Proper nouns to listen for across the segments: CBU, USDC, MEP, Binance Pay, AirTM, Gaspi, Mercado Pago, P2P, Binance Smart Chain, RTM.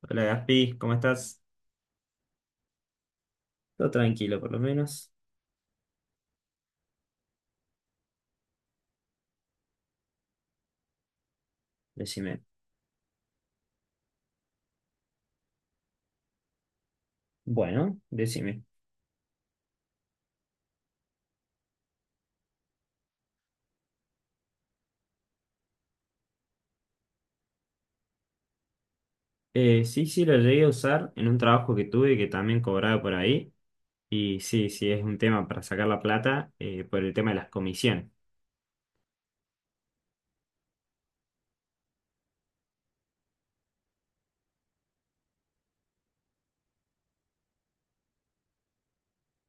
Hola Gaspi, ¿cómo estás? Todo tranquilo, por lo menos. Decime. Bueno, decime. Sí, sí, lo llegué a usar en un trabajo que tuve que también cobraba por ahí. Y sí, sí, es un tema para sacar la plata, por el tema de las comisiones.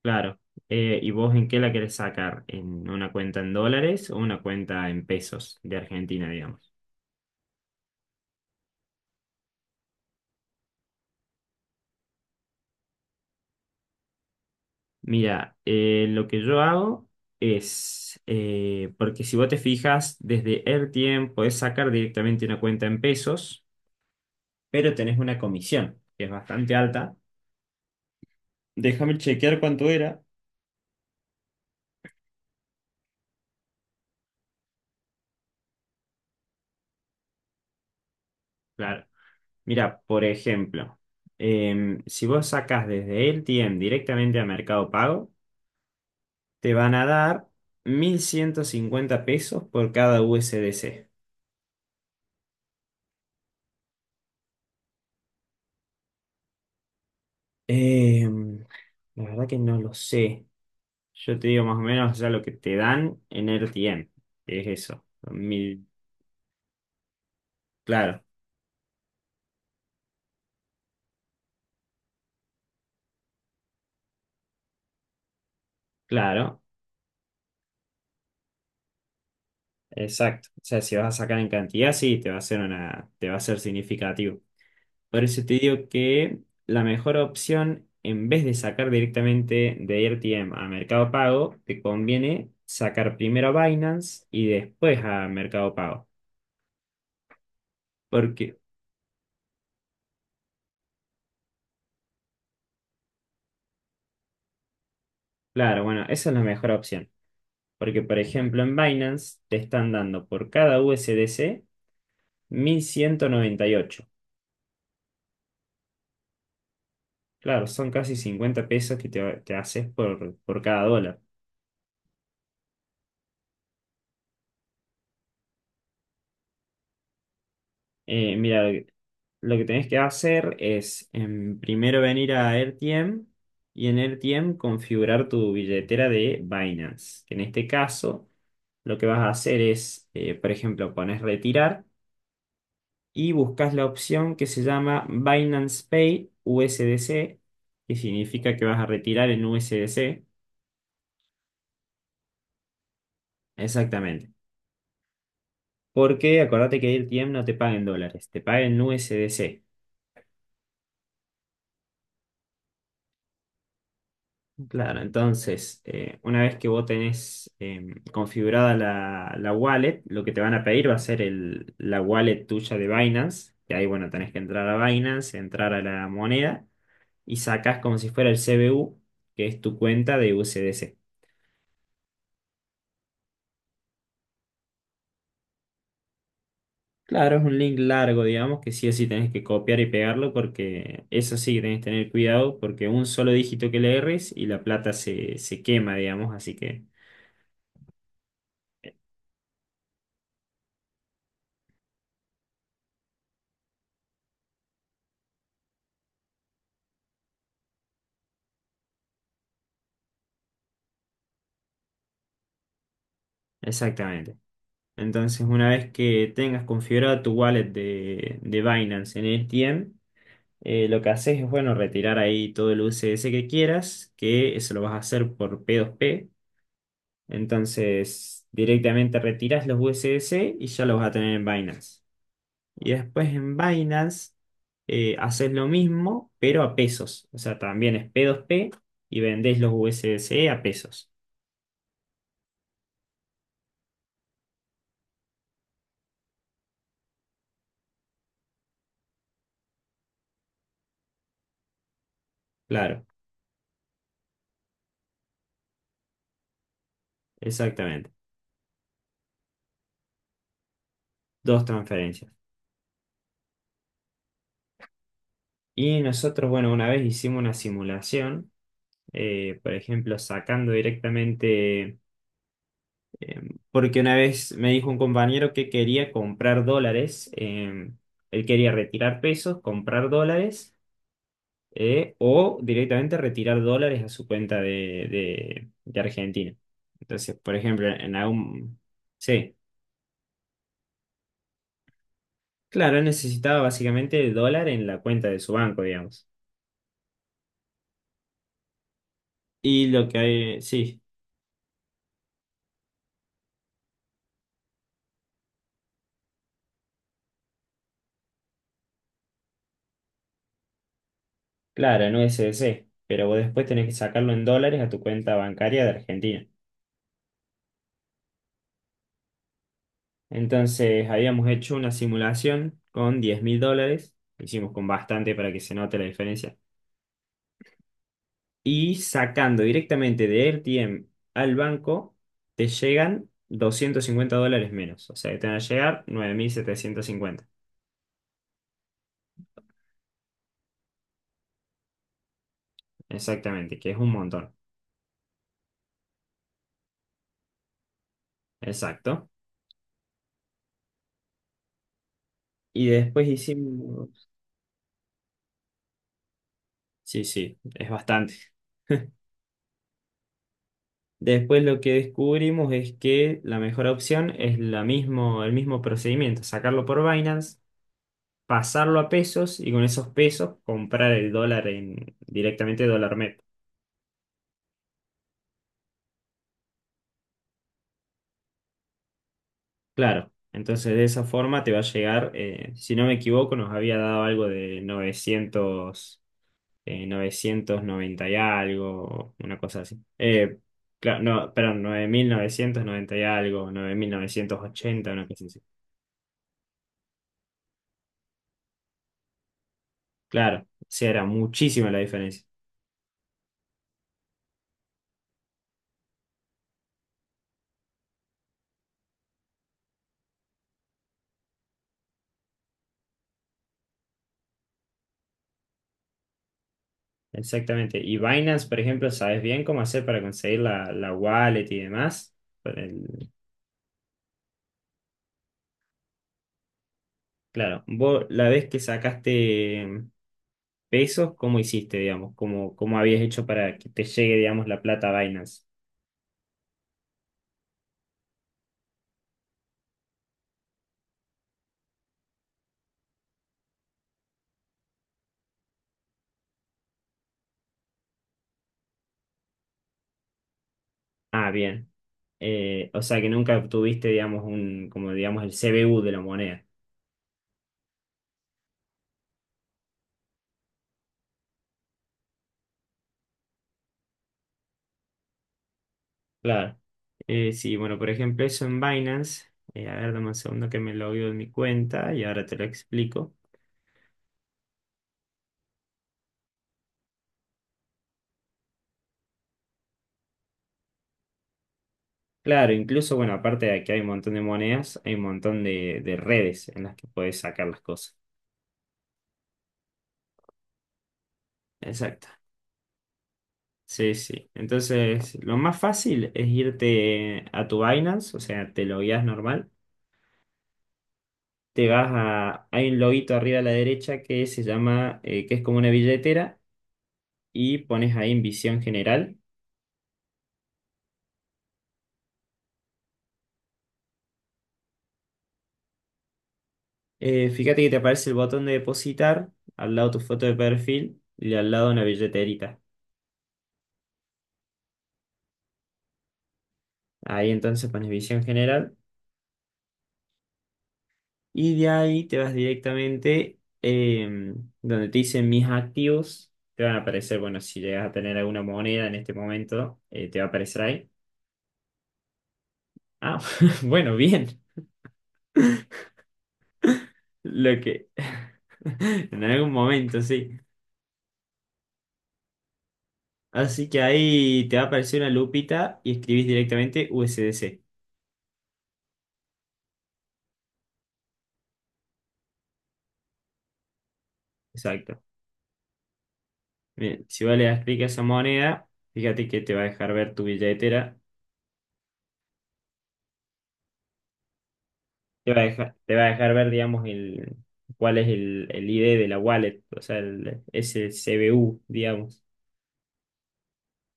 Claro. ¿Y vos en qué la querés sacar? ¿En una cuenta en dólares o una cuenta en pesos de Argentina, digamos? Mira, lo que yo hago es, porque si vos te fijas, desde el tiempo podés sacar directamente una cuenta en pesos. Pero tenés una comisión que es bastante alta. Déjame chequear cuánto era. Claro. Mira, por ejemplo, si vos sacás desde el LTM directamente a Mercado Pago, te van a dar 1.150 pesos por cada USDC. Em, la verdad que no lo sé. Yo te digo más o menos ya lo que te dan en RTM, que es eso. Mil, claro, claro, exacto. O sea, si vas a sacar en cantidad, sí, te va a ser significativo. Por eso te digo que la mejor opción, en vez de sacar directamente de RTM a Mercado Pago, te conviene sacar primero a Binance y después a Mercado Pago. Porque, claro, bueno, esa es la mejor opción. Porque, por ejemplo, en Binance te están dando por cada USDC ocho. Claro, son casi 50 pesos que te haces por cada dólar. Mira, lo que tenés que hacer es primero venir a RTM y en RTM configurar tu billetera de Binance. Que En este caso, lo que vas a hacer es, por ejemplo, pones retirar y buscas la opción que se llama Binance Pay USDC, que significa que vas a retirar en USDC. Exactamente. Porque acordate que RTM no te paga en dólares, te paga en USDC. Claro, entonces, una vez que vos tenés configurada la wallet, lo que te van a pedir va a ser el, la wallet tuya de Binance, que ahí, bueno, tenés que entrar a Binance, entrar a la moneda y sacás como si fuera el CBU, que es tu cuenta de USDC. Claro, es un link largo, digamos, que sí o sí tenés que copiar y pegarlo porque eso sí que tenés que tener cuidado porque un solo dígito que le erres y la plata se quema, digamos, así que, exactamente. Entonces, una vez que tengas configurado tu wallet de Binance en ETM, lo que haces es, bueno, retirar ahí todo el USDC que quieras, que eso lo vas a hacer por P2P. Entonces, directamente retiras los USDC y ya los vas a tener en Binance. Y después en Binance, haces lo mismo, pero a pesos. O sea, también es P2P y vendés los USDC a pesos. Claro, exactamente. Dos transferencias. Y nosotros, bueno, una vez hicimos una simulación, por ejemplo, sacando directamente, eh, porque una vez me dijo un compañero que quería comprar dólares, él quería retirar pesos, comprar dólares, o directamente retirar dólares a su cuenta de Argentina. Entonces, por ejemplo, en algún... Sí, claro, él necesitaba básicamente el dólar en la cuenta de su banco, digamos. Y lo que hay, sí. Claro, en USDC, pero vos después tenés que sacarlo en dólares a tu cuenta bancaria de Argentina. Entonces habíamos hecho una simulación con 10.000 dólares, lo hicimos con bastante para que se note la diferencia. Y sacando directamente de RTM al banco, te llegan 250 dólares menos, o sea que te van a llegar 9.750, exactamente, que es un montón, exacto. Y después hicimos, sí, sí, es bastante. Después lo que descubrimos es que la mejor opción es la mismo, el mismo procedimiento, sacarlo por Binance, pasarlo a pesos y con esos pesos comprar el dólar directamente dólar MEP. Claro, entonces de esa forma te va a llegar, si no me equivoco, nos había dado algo de 990 y algo, una cosa así. Claro, no, perdón, 9.990 y algo, 9.980 una cosa así. Claro, o sea, era muchísima la diferencia. Exactamente. Y Binance, por ejemplo, ¿sabes bien cómo hacer para conseguir la wallet y demás? Por el- Claro, vos la vez que sacaste pesos, ¿cómo hiciste, digamos? ¿Cómo habías hecho para que te llegue, digamos, la plata a Binance? Ah, bien. O sea que nunca obtuviste, digamos, un, como digamos, el CBU de la moneda. Claro. Sí, bueno, por ejemplo, eso en Binance. A ver, dame un segundo que me logueo en mi cuenta y ahora te lo explico. Claro, incluso, bueno, aparte de que hay un montón de monedas, hay un montón de redes en las que podés sacar las cosas. Exacto. Sí, sí. Entonces, lo más fácil es irte a tu Binance, o sea, te logueas normal. Te vas a. Hay un loguito arriba a la derecha que se llama, que es como una billetera, y pones ahí en visión general. Fíjate que te aparece el botón de depositar, al lado tu foto de perfil y al lado una billeterita. Ahí entonces pones visión general. Y de ahí te vas directamente donde te dicen mis activos. Te van a aparecer, bueno, si llegas a tener alguna moneda en este momento, te va a aparecer ahí. Ah, bueno, bien. Lo que. En algún momento, sí. Así que ahí te va a aparecer una lupita y escribís directamente USDC. Exacto. Bien, si vos le das clic a esa moneda, fíjate que te va a dejar ver tu billetera. Te va a dejar ver, digamos, el, cuál es el ID de la wallet, o sea, el, ese CBU, digamos,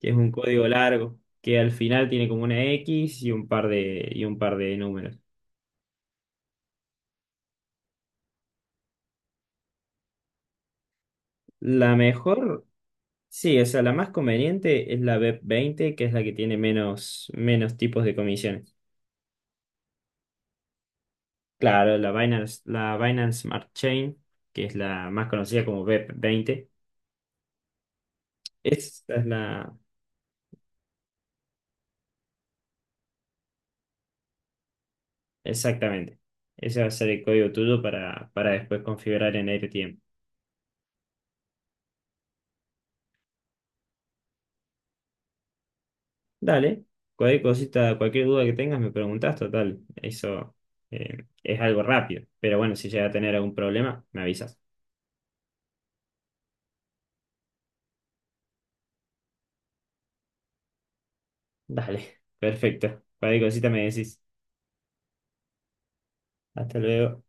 que es un código largo, que al final tiene como una X y un par de números. La mejor, sí, o sea, la más conveniente es la BEP-20 que es la que tiene menos tipos de comisiones. Claro, la Binance Smart Chain, que es la más conocida como BEP-20. Esa es la, Exactamente. Ese va a ser el código tuyo para después configurar en AirTM. Dale, cualquier cosita, cualquier duda que tengas me preguntas, total. Eso es algo rápido. Pero bueno, si llega a tener algún problema, me avisas. Dale, perfecto. Cualquier cosita me decís. Hasta luego.